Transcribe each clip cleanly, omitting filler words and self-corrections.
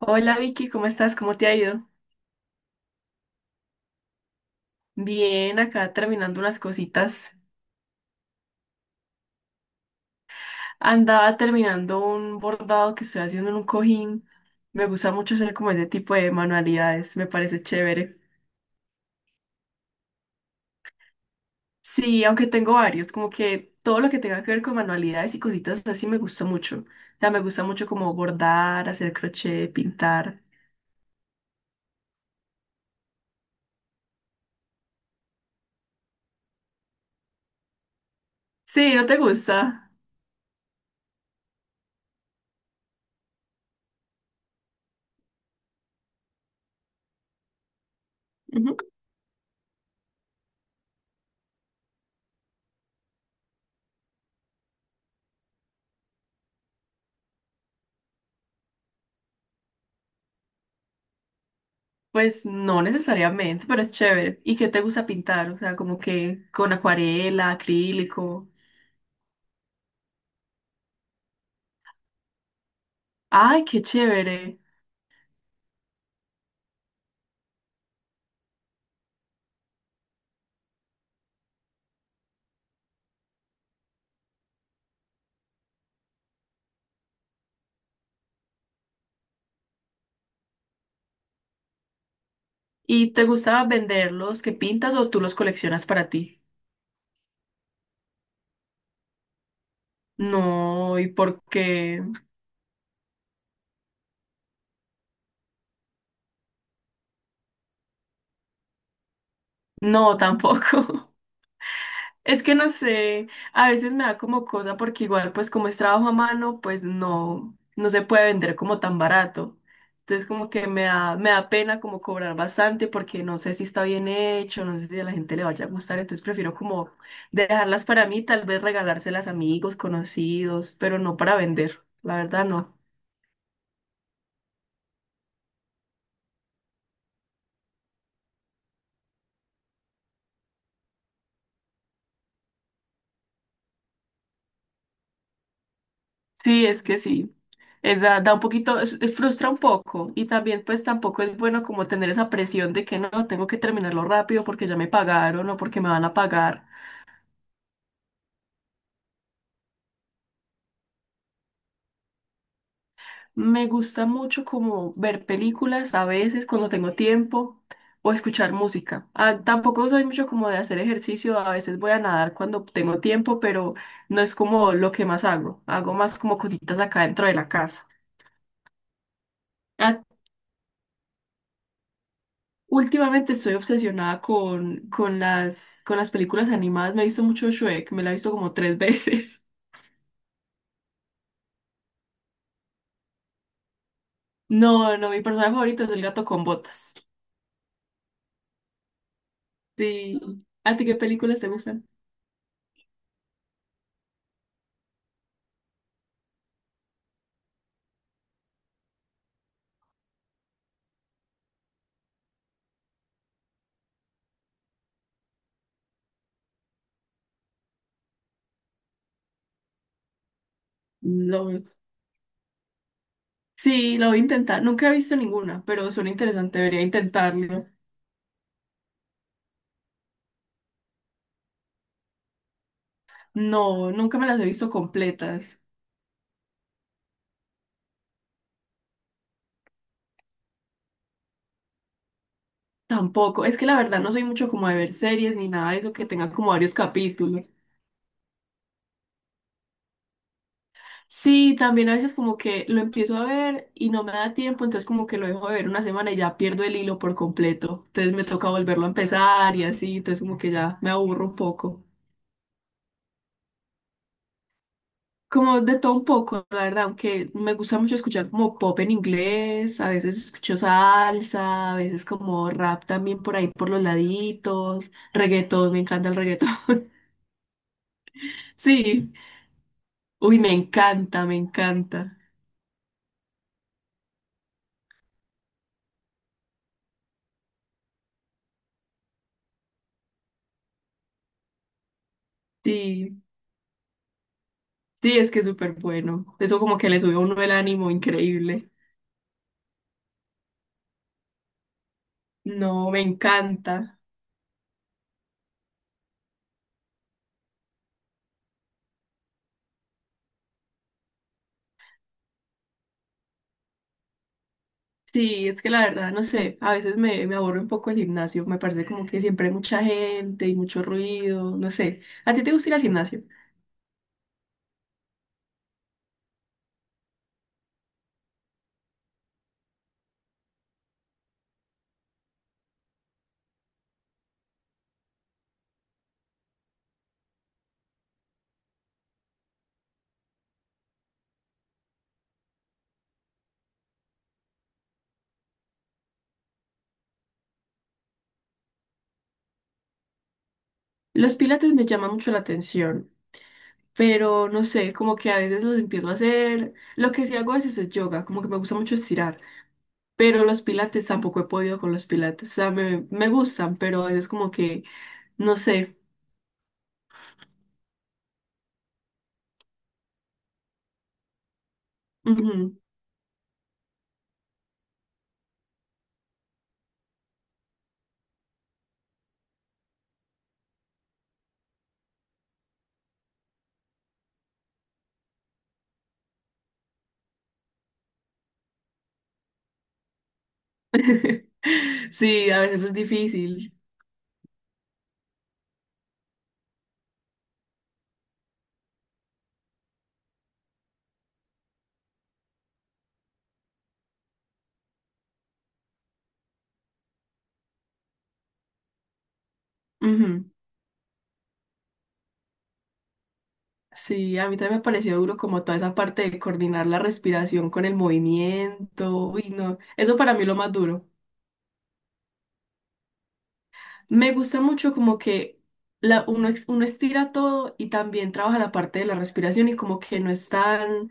Hola Vicky, ¿cómo estás? ¿Cómo te ha ido? Bien, acá terminando unas cositas. Andaba terminando un bordado que estoy haciendo en un cojín. Me gusta mucho hacer como ese tipo de manualidades, me parece chévere. Sí, aunque tengo varios, como que todo lo que tenga que ver con manualidades y cositas así me gusta mucho. O sea, me gusta mucho como bordar, hacer crochet, pintar. Sí, ¿no te gusta? Ujú. Pues no necesariamente, pero es chévere. ¿Y qué te gusta pintar? O sea, como que con acuarela, acrílico. Ay, qué chévere. ¿Y te gustaba venderlos que pintas o tú los coleccionas para ti? No, ¿y por qué? No, tampoco. Es que no sé, a veces me da como cosa porque igual pues como es trabajo a mano, pues no se puede vender como tan barato. Entonces como que me da pena como cobrar bastante porque no sé si está bien hecho, no sé si a la gente le vaya a gustar, entonces prefiero como dejarlas para mí, tal vez regalárselas a amigos, conocidos, pero no para vender, la verdad no. Sí, es que sí. Es da, da un poquito, frustra un poco. Y también, pues tampoco es bueno como tener esa presión de que no, tengo que terminarlo rápido porque ya me pagaron o porque me van a pagar. Me gusta mucho como ver películas a veces cuando tengo tiempo o escuchar música. Ah, tampoco soy mucho como de hacer ejercicio, a veces voy a nadar cuando tengo tiempo, pero no es como lo que más hago. Hago más como cositas acá dentro de la casa. ¿A Últimamente estoy obsesionada con las películas animadas. Me he visto mucho Shrek, me la he visto como tres veces. No, no, mi personaje favorito es el gato con botas. Sí. ¿A ti qué películas te gustan? No. Sí, lo voy a intentar. Nunca he visto ninguna, pero suena interesante, debería intentarlo. No, nunca me las he visto completas. Tampoco. Es que la verdad no soy mucho como de ver series ni nada de eso que tenga como varios capítulos. Sí, también a veces como que lo empiezo a ver y no me da tiempo, entonces como que lo dejo de ver una semana y ya pierdo el hilo por completo. Entonces me toca volverlo a empezar y así, entonces como que ya me aburro un poco. Como de todo un poco, la verdad, aunque me gusta mucho escuchar como pop en inglés, a veces escucho salsa, a veces como rap también por ahí por los laditos, reggaetón, me encanta el reggaetón. Sí, uy, me encanta, me encanta. Sí. Sí, es que es súper bueno. Eso como que le sube a uno el ánimo increíble. No, me encanta. Sí, es que la verdad, no sé, a veces me aburre un poco el gimnasio. Me parece como que siempre hay mucha gente y mucho ruido, no sé. ¿A ti te gusta ir al gimnasio? Los pilates me llaman mucho la atención, pero no sé, como que a veces los empiezo a hacer. Lo que sí hago a veces es yoga, como que me gusta mucho estirar. Pero los pilates tampoco he podido con los pilates. O sea, me gustan, pero a veces como que, no sé. Ujú. Sí, a veces es difícil. Ujú. Sí, a mí también me pareció duro como toda esa parte de coordinar la respiración con el movimiento. Uy, no, eso para mí es lo más duro. Me gusta mucho como que la, uno, uno estira todo y también trabaja la parte de la respiración y como que no es tan,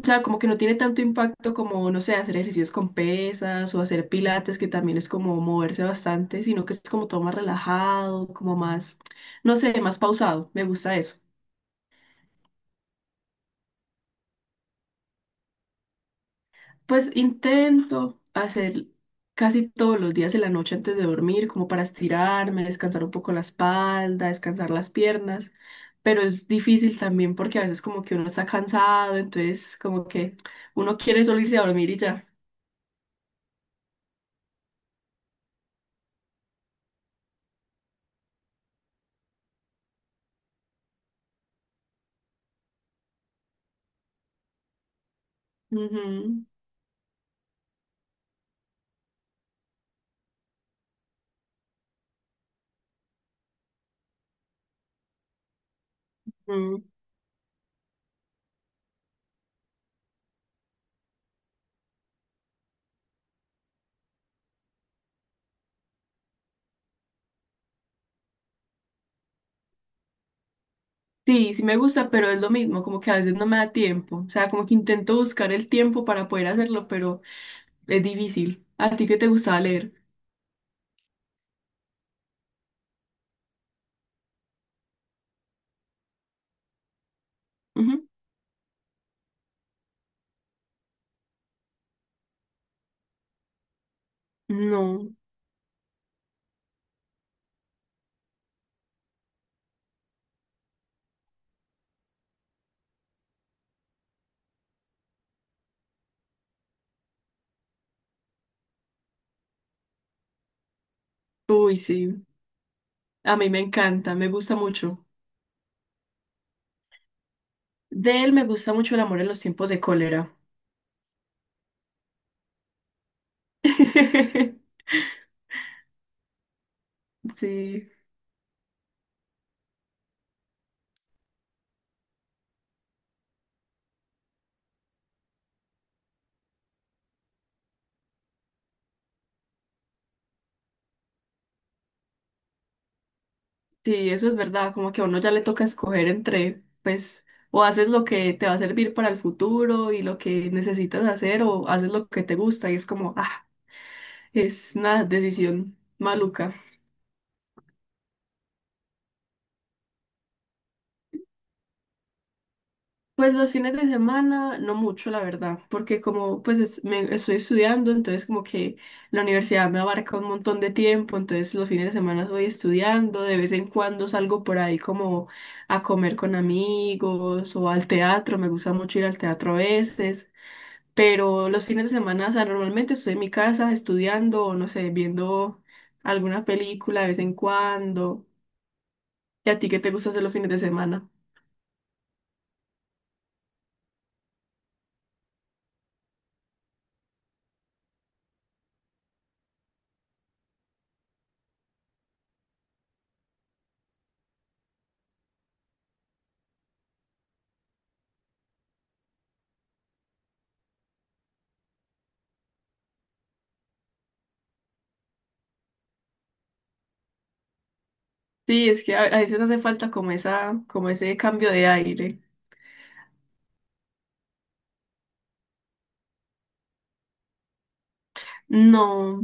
o sea, como que no tiene tanto impacto como, no sé, hacer ejercicios con pesas o hacer pilates, que también es como moverse bastante, sino que es como todo más relajado, como más, no sé, más pausado. Me gusta eso. Pues intento hacer casi todos los días en la noche antes de dormir, como para estirarme, descansar un poco la espalda, descansar las piernas, pero es difícil también porque a veces como que uno está cansado, entonces como que uno quiere solo irse a dormir y ya. Ujú, ujú. Sí, sí me gusta, pero es lo mismo, como que a veces no me da tiempo, o sea, como que intento buscar el tiempo para poder hacerlo, pero es difícil. ¿A ti qué te gustaba leer? Ujú. No. Uy, sí. A mí me encanta, me gusta mucho. De él me gusta mucho El amor en los tiempos de cólera. Sí, sí, eso es verdad, como que a uno ya le toca escoger entre, pues, o haces lo que te va a servir para el futuro y lo que necesitas hacer, o haces lo que te gusta y es como, ah, es una decisión maluca. Pues los fines de semana, no mucho, la verdad, porque como pues estoy estudiando, entonces como que la universidad me abarca un montón de tiempo, entonces los fines de semana estoy estudiando, de vez en cuando salgo por ahí como a comer con amigos o al teatro, me gusta mucho ir al teatro a veces, pero los fines de semana, o sea, normalmente estoy en mi casa estudiando o no sé, viendo alguna película de vez en cuando. ¿Y a ti qué te gusta hacer los fines de semana? Sí, es que a veces hace falta como esa, como ese cambio de aire. No,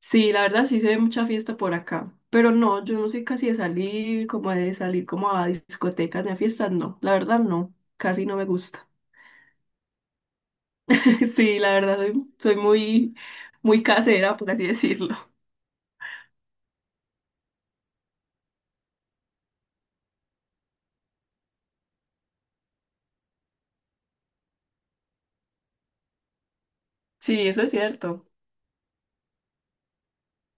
sí, la verdad sí se ve mucha fiesta por acá, pero no, yo no soy casi de salir como a discotecas ni a fiestas, no, la verdad no, casi no me gusta. Sí, la verdad soy, soy muy, muy casera, por así decirlo. Sí, eso es cierto.